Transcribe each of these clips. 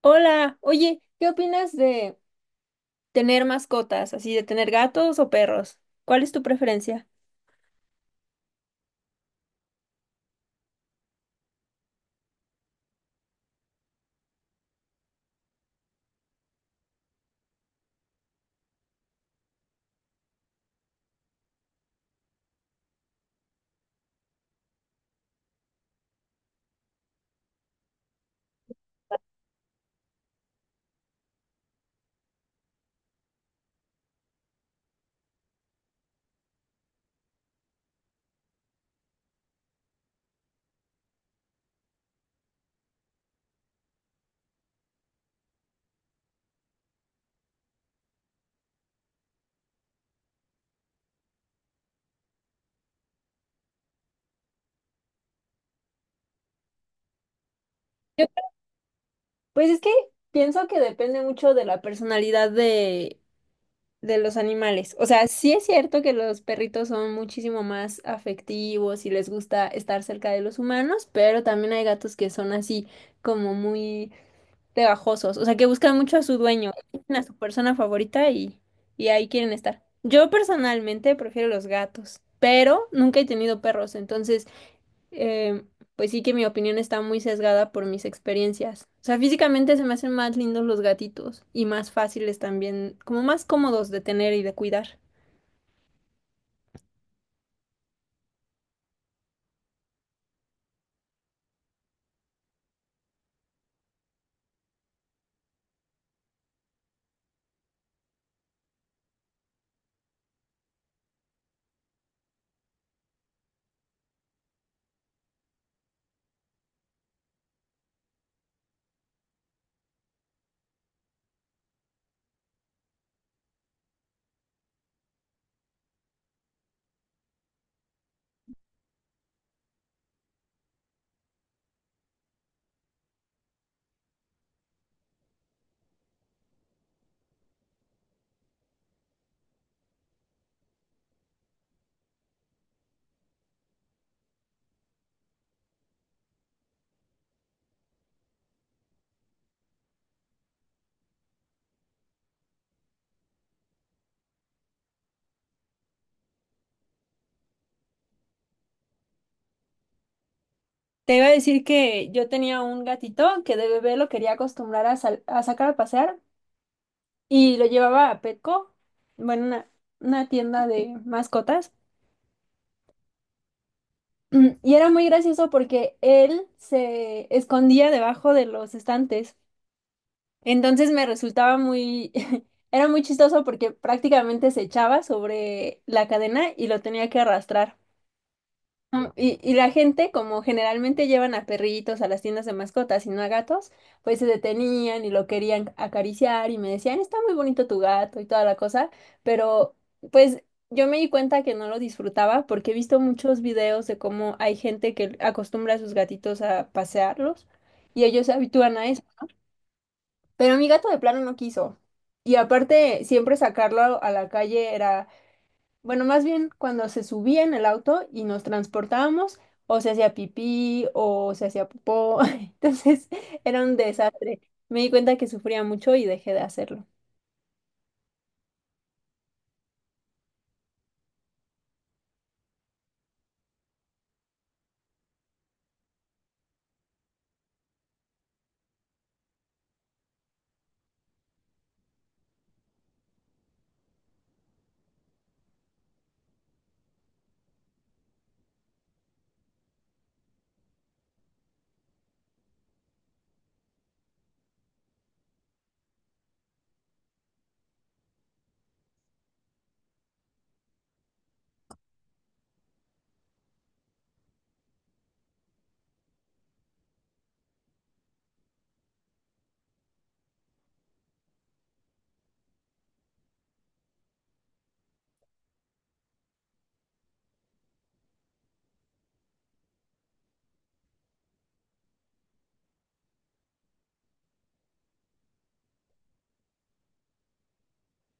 Hola, oye, ¿qué opinas de tener mascotas, así de tener gatos o perros? ¿Cuál es tu preferencia? Pues es que pienso que depende mucho de la personalidad de los animales. O sea, sí es cierto que los perritos son muchísimo más afectivos y les gusta estar cerca de los humanos, pero también hay gatos que son así como muy pegajosos, o sea, que buscan mucho a su dueño, a su persona favorita y ahí quieren estar. Yo personalmente prefiero los gatos, pero nunca he tenido perros, entonces, eh, pues sí que mi opinión está muy sesgada por mis experiencias. O sea, físicamente se me hacen más lindos los gatitos y más fáciles también, como más cómodos de tener y de cuidar. Te iba a decir que yo tenía un gatito que de bebé lo quería acostumbrar a sacar a pasear, y lo llevaba a Petco, bueno, una tienda de mascotas. Y era muy gracioso porque él se escondía debajo de los estantes. Entonces me resultaba era muy chistoso porque prácticamente se echaba sobre la cadena y lo tenía que arrastrar. Y la gente, como generalmente llevan a perritos a las tiendas de mascotas y no a gatos, pues se detenían y lo querían acariciar y me decían, está muy bonito tu gato y toda la cosa, pero pues yo me di cuenta que no lo disfrutaba porque he visto muchos videos de cómo hay gente que acostumbra a sus gatitos a pasearlos y ellos se habitúan a eso, pero mi gato de plano no quiso. Y aparte, siempre sacarlo a la calle era bueno, más bien cuando se subía en el auto y nos transportábamos, o se hacía pipí o se hacía popó. Entonces era un desastre. Me di cuenta que sufría mucho y dejé de hacerlo.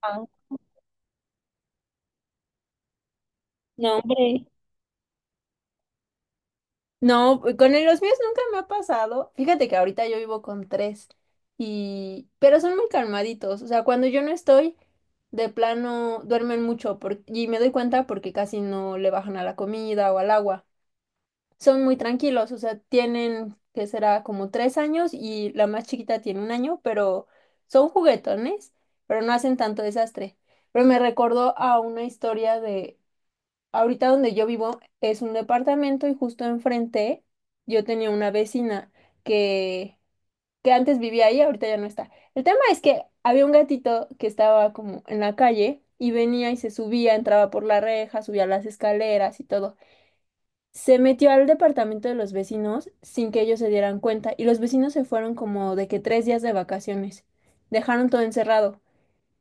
Ah, no, hombre. No, con los míos nunca me ha pasado. Fíjate que ahorita yo vivo con tres y pero son muy calmaditos. O sea, cuando yo no estoy, de plano duermen mucho por- y me doy cuenta porque casi no le bajan a la comida o al agua. Son muy tranquilos, o sea, tienen que será como 3 años y la más chiquita tiene un año, pero son juguetones, pero no hacen tanto desastre. Pero me recordó a una historia de, ahorita donde yo vivo es un departamento y justo enfrente yo tenía una vecina que, que antes vivía ahí, ahorita ya no está. El tema es que había un gatito que estaba como en la calle y venía y se subía, entraba por la reja, subía las escaleras y todo. Se metió al departamento de los vecinos sin que ellos se dieran cuenta y los vecinos se fueron como de que 3 días de vacaciones. Dejaron todo encerrado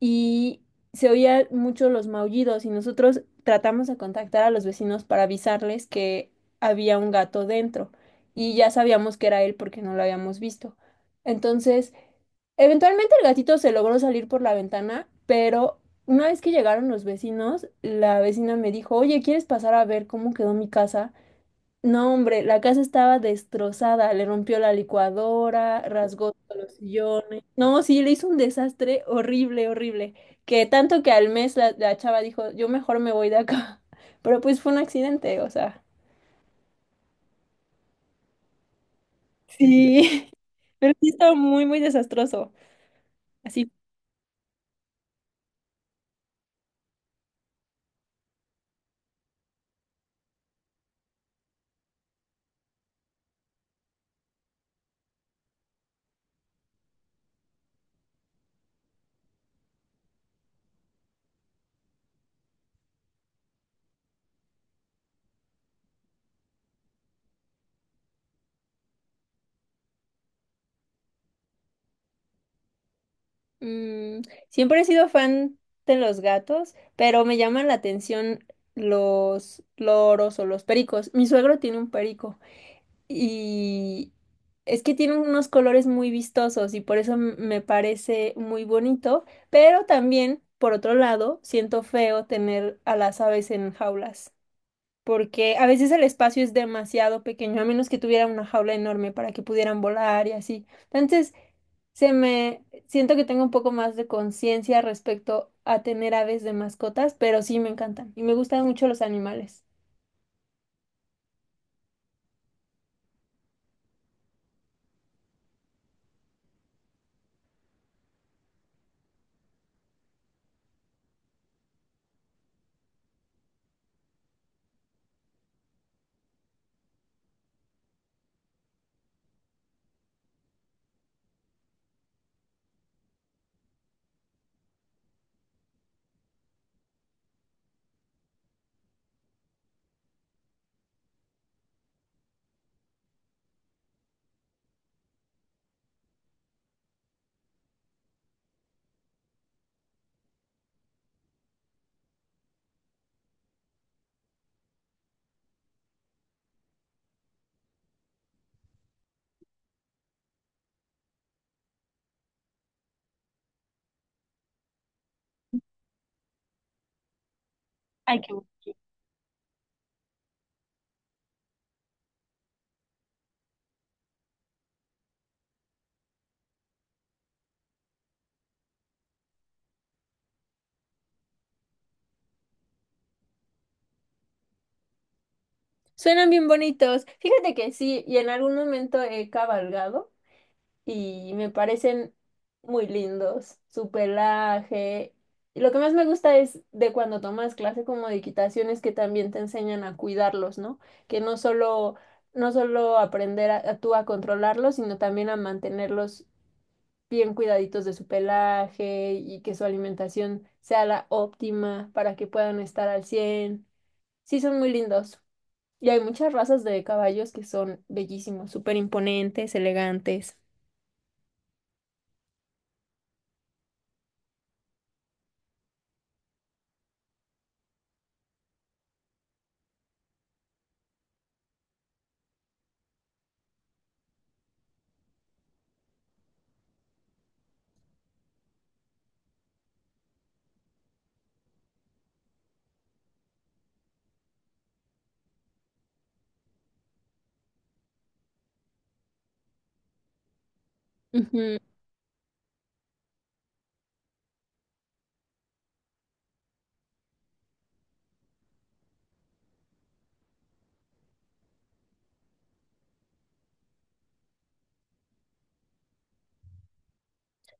y se oían mucho los maullidos y nosotros tratamos de contactar a los vecinos para avisarles que había un gato dentro y ya sabíamos que era él porque no lo habíamos visto. Entonces, eventualmente el gatito se logró salir por la ventana, pero una vez que llegaron los vecinos, la vecina me dijo, oye, ¿quieres pasar a ver cómo quedó mi casa? No, hombre, la casa estaba destrozada, le rompió la licuadora, rasgó todos los sillones. No, sí, le hizo un desastre horrible, horrible, que tanto que al mes la chava dijo, yo mejor me voy de acá. Pero pues fue un accidente, o sea, sí, pero sí estaba muy, muy desastroso. Así, mm, siempre he sido fan de los gatos, pero me llaman la atención los loros o los pericos. Mi suegro tiene un perico. Y es que tiene unos colores muy vistosos y por eso me parece muy bonito, pero también, por otro lado, siento feo tener a las aves en jaulas, porque a veces el espacio es demasiado pequeño, a menos que tuviera una jaula enorme para que pudieran volar y así. Entonces, se me siento que tengo un poco más de conciencia respecto a tener aves de mascotas, pero sí me encantan y me gustan mucho los animales. Ay, qué bonito. Suenan bien bonitos. Fíjate que sí, y en algún momento he cabalgado y me parecen muy lindos. Su pelaje. Y lo que más me gusta es de cuando tomas clase como de equitación es que también te enseñan a cuidarlos, ¿no? Que no solo, no solo aprender a tú a controlarlos, sino también a mantenerlos bien cuidaditos de su pelaje y que su alimentación sea la óptima para que puedan estar al 100. Sí, son muy lindos. Y hay muchas razas de caballos que son bellísimos, súper imponentes, elegantes. Ujú.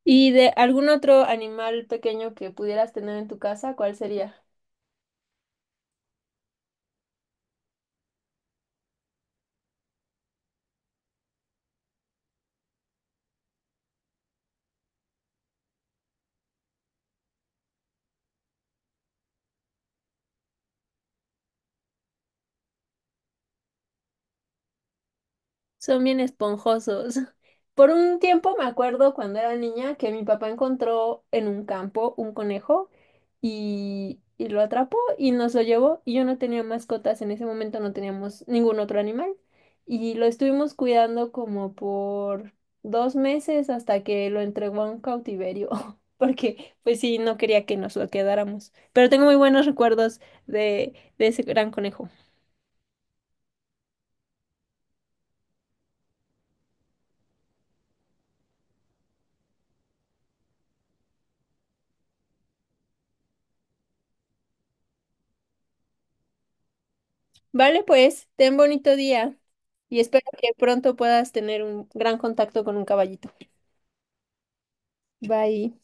¿Y de algún otro animal pequeño que pudieras tener en tu casa, cuál sería? Son bien esponjosos. Por un tiempo me acuerdo cuando era niña que mi papá encontró en un campo un conejo y lo atrapó y nos lo llevó y yo no tenía mascotas, en ese momento no teníamos ningún otro animal y lo estuvimos cuidando como por 2 meses hasta que lo entregó a un cautiverio porque pues sí, no quería que nos lo quedáramos. Pero tengo muy buenos recuerdos de, de, ese gran conejo. Vale, pues, ten bonito día y espero que pronto puedas tener un gran contacto con un caballito. Bye.